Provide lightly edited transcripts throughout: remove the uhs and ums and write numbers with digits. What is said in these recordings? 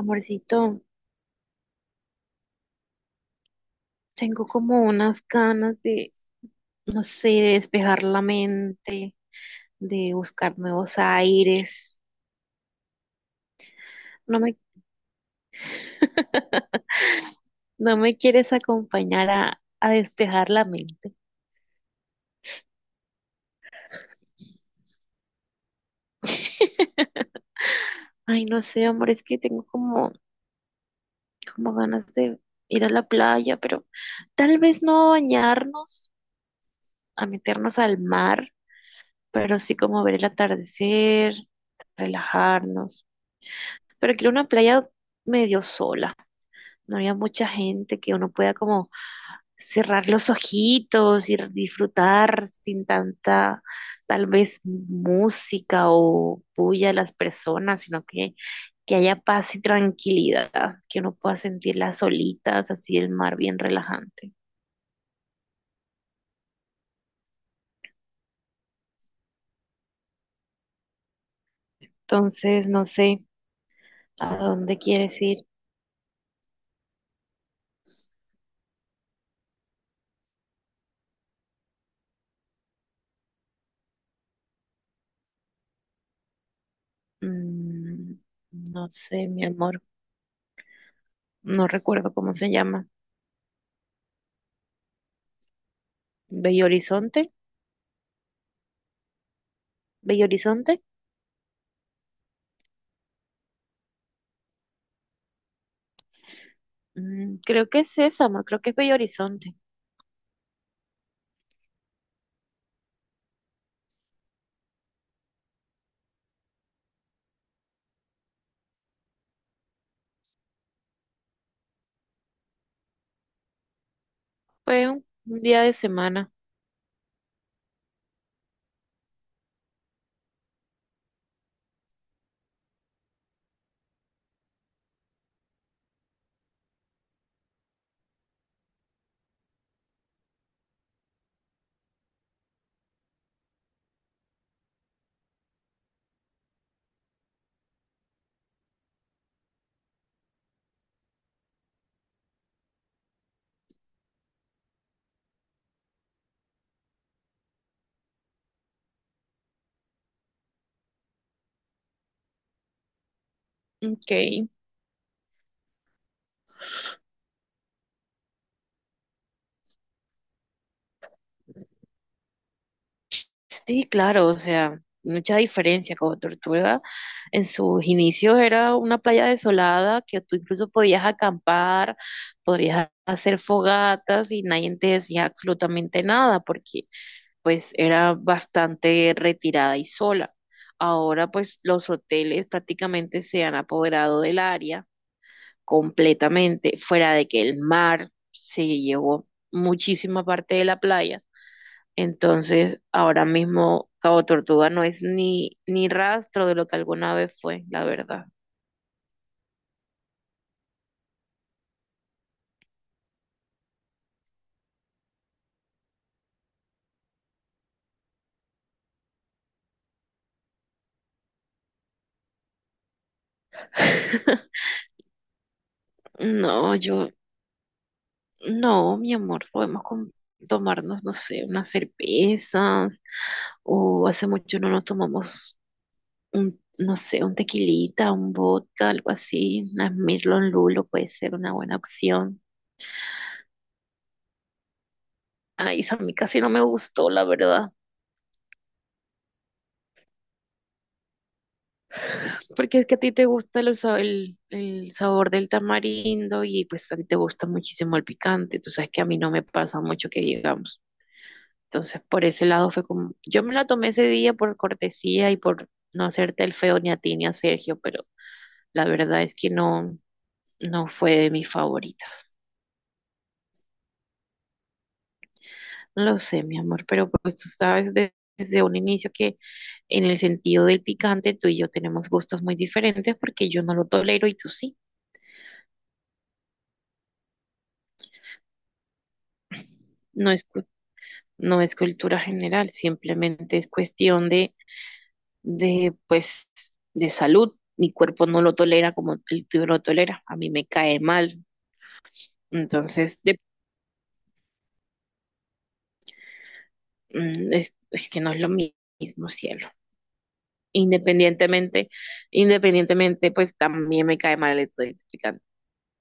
Amorcito, tengo como unas ganas de, no sé, de despejar la mente, de buscar nuevos aires. No me, no me quieres acompañar a despejar la mente. Ay, no sé, amor, es que tengo como, como ganas de ir a la playa, pero tal vez no bañarnos, a meternos al mar, pero sí como ver el atardecer, relajarnos. Pero quiero una playa medio sola. No había mucha gente que uno pueda como cerrar los ojitos y disfrutar sin tanta, tal vez, música o bulla de las personas, sino que haya paz y tranquilidad, que uno pueda sentir las olitas, así el mar bien relajante. Entonces, no sé a dónde quieres ir. Mm, no sé, mi amor, no recuerdo cómo se llama. Bello Horizonte, Bello Horizonte. Mm, creo que es esa, amor, creo que es Bello Horizonte. Fue un día de semana. Ok. Sí, claro, o sea, mucha diferencia como Tortuga. En sus inicios era una playa desolada que tú incluso podías acampar, podías hacer fogatas y nadie te decía absolutamente nada porque pues era bastante retirada y sola. Ahora pues los hoteles prácticamente se han apoderado del área completamente, fuera de que el mar se llevó muchísima parte de la playa. Entonces, ahora mismo Cabo Tortuga no es ni, ni rastro de lo que alguna vez fue, la verdad. No, yo, no, mi amor, tomarnos, no sé, unas cervezas, o hace mucho no nos tomamos un, no sé, un tequilita, un vodka, algo así, una Smirnoff Lulo puede ser una buena opción. Ay, esa a mí casi no me gustó, la verdad. Porque es que a ti te gusta el sabor del tamarindo y pues a ti te gusta muchísimo el picante. Tú sabes que a mí no me pasa mucho que digamos. Entonces, por ese lado fue como, yo me la tomé ese día por cortesía y por no hacerte el feo ni a ti ni a Sergio, pero la verdad es que no, no fue de mis favoritas. No lo sé, mi amor, pero pues tú sabes desde un inicio que en el sentido del picante tú y yo tenemos gustos muy diferentes porque yo no lo tolero y tú sí. No es no es cultura general, simplemente es cuestión de, pues, de salud. Mi cuerpo no lo tolera como el tuyo lo tolera, a mí me cae mal. Entonces, es que no es lo mismo cielo. Independientemente, independientemente, pues también me cae mal el electrificante.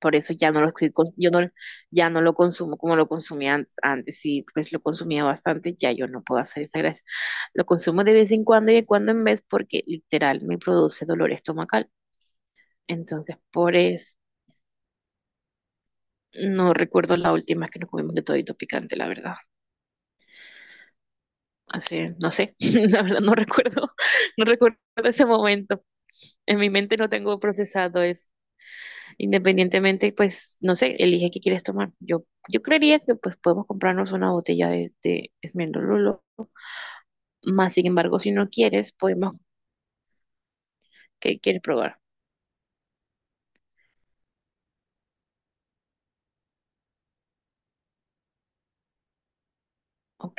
Por eso ya no lo, estoy yo no, ya no lo consumo como lo consumía antes. Antes sí, pues lo consumía bastante, ya yo no puedo hacer esa gracia. Lo consumo de vez en cuando y de cuando en vez porque literal me produce dolor estomacal. Entonces, por eso no recuerdo la última vez que nos comimos de todito picante, la verdad. Hace, no sé, la verdad no recuerdo, no recuerdo ese momento. En mi mente no tengo procesado eso. Independientemente, pues, no sé, elige qué quieres tomar. Yo creería que pues podemos comprarnos una botella de Esmeralda. Más sin embargo, si no quieres, podemos, ¿qué quieres probar? Ok.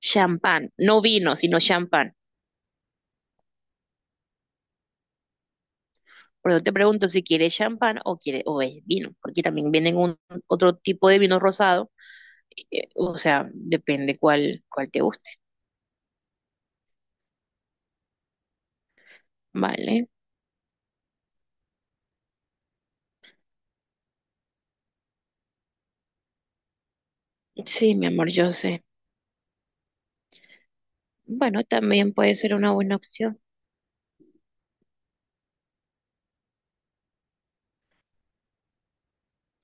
Champán, no vino, sino champán. Por eso te pregunto si quieres champán o quiere, o es vino, porque también vienen un, otro tipo de vino rosado, o sea, depende cuál te guste. Vale. Sí, mi amor, yo sé. Bueno, también puede ser una buena opción.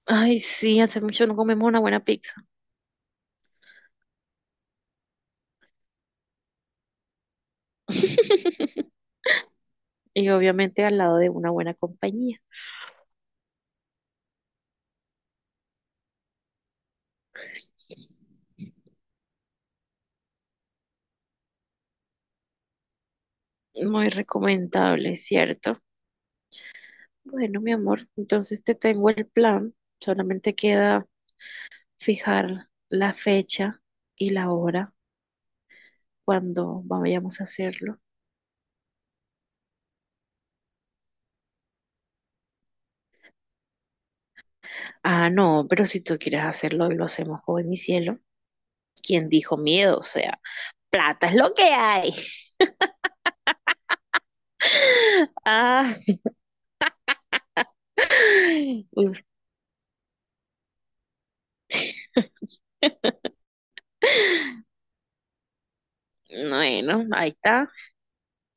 Ay, sí, hace mucho no comemos una buena pizza. Y obviamente al lado de una buena compañía. Muy recomendable, ¿cierto? Bueno, mi amor, entonces te tengo el plan. Solamente queda fijar la fecha y la hora cuando vayamos a hacerlo. Ah, no, pero si tú quieres hacerlo, lo hacemos hoy, mi cielo. ¿Quién dijo miedo? O sea, plata es lo que hay. Ah, uf, bueno, ahí está.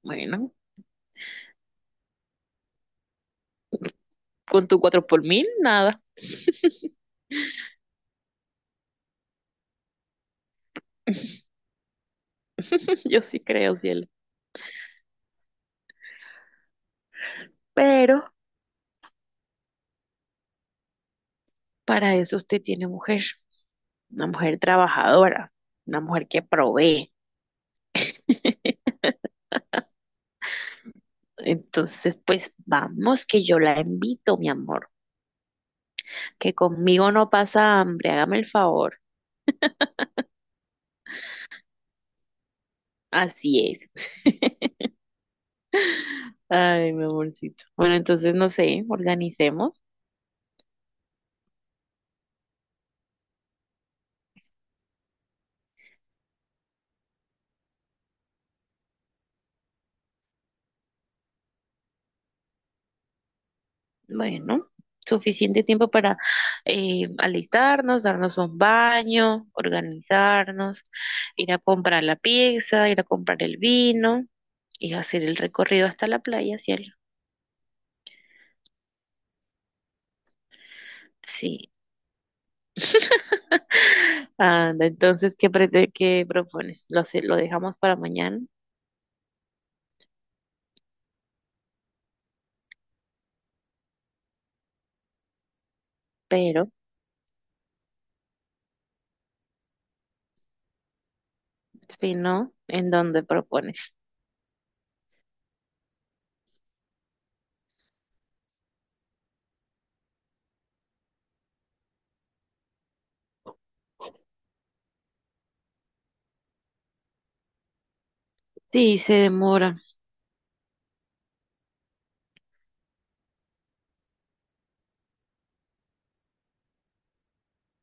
Bueno, con tu cuatro por mil, nada. Yo sí creo, cielo. Pero para eso usted tiene mujer, una mujer trabajadora, una mujer que provee. Entonces, pues vamos, que yo la invito, mi amor, que conmigo no pasa hambre, hágame el favor. Así es. Ay, mi amorcito. Bueno, entonces no sé, organicemos. Bueno, suficiente tiempo para alistarnos, darnos un baño, organizarnos, ir a comprar la pizza, ir a comprar el vino y hacer el recorrido hasta la playa, cielo. Sí. Anda, entonces, ¿qué, qué propones? Lo dejamos para mañana, pero si no, ¿en dónde propones? Sí, se demora.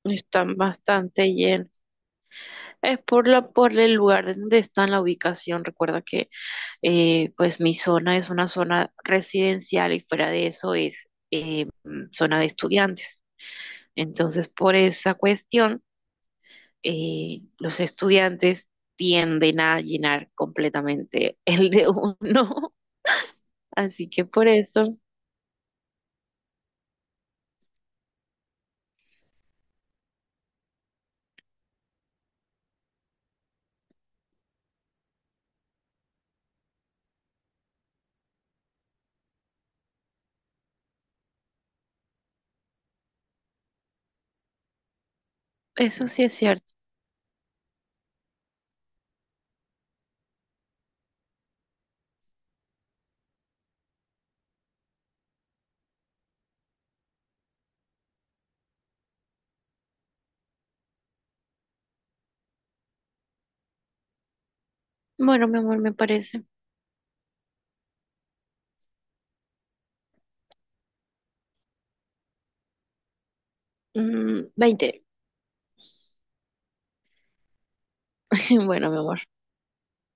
Están bastante llenos. Es por la, por el lugar donde está la ubicación. Recuerda que pues mi zona es una zona residencial y fuera de eso es zona de estudiantes. Entonces, por esa cuestión, los estudiantes tienden a llenar completamente el de uno. Así que por eso, eso sí es cierto. Bueno, mi amor, me parece. Mm, 20. Bueno, mi amor.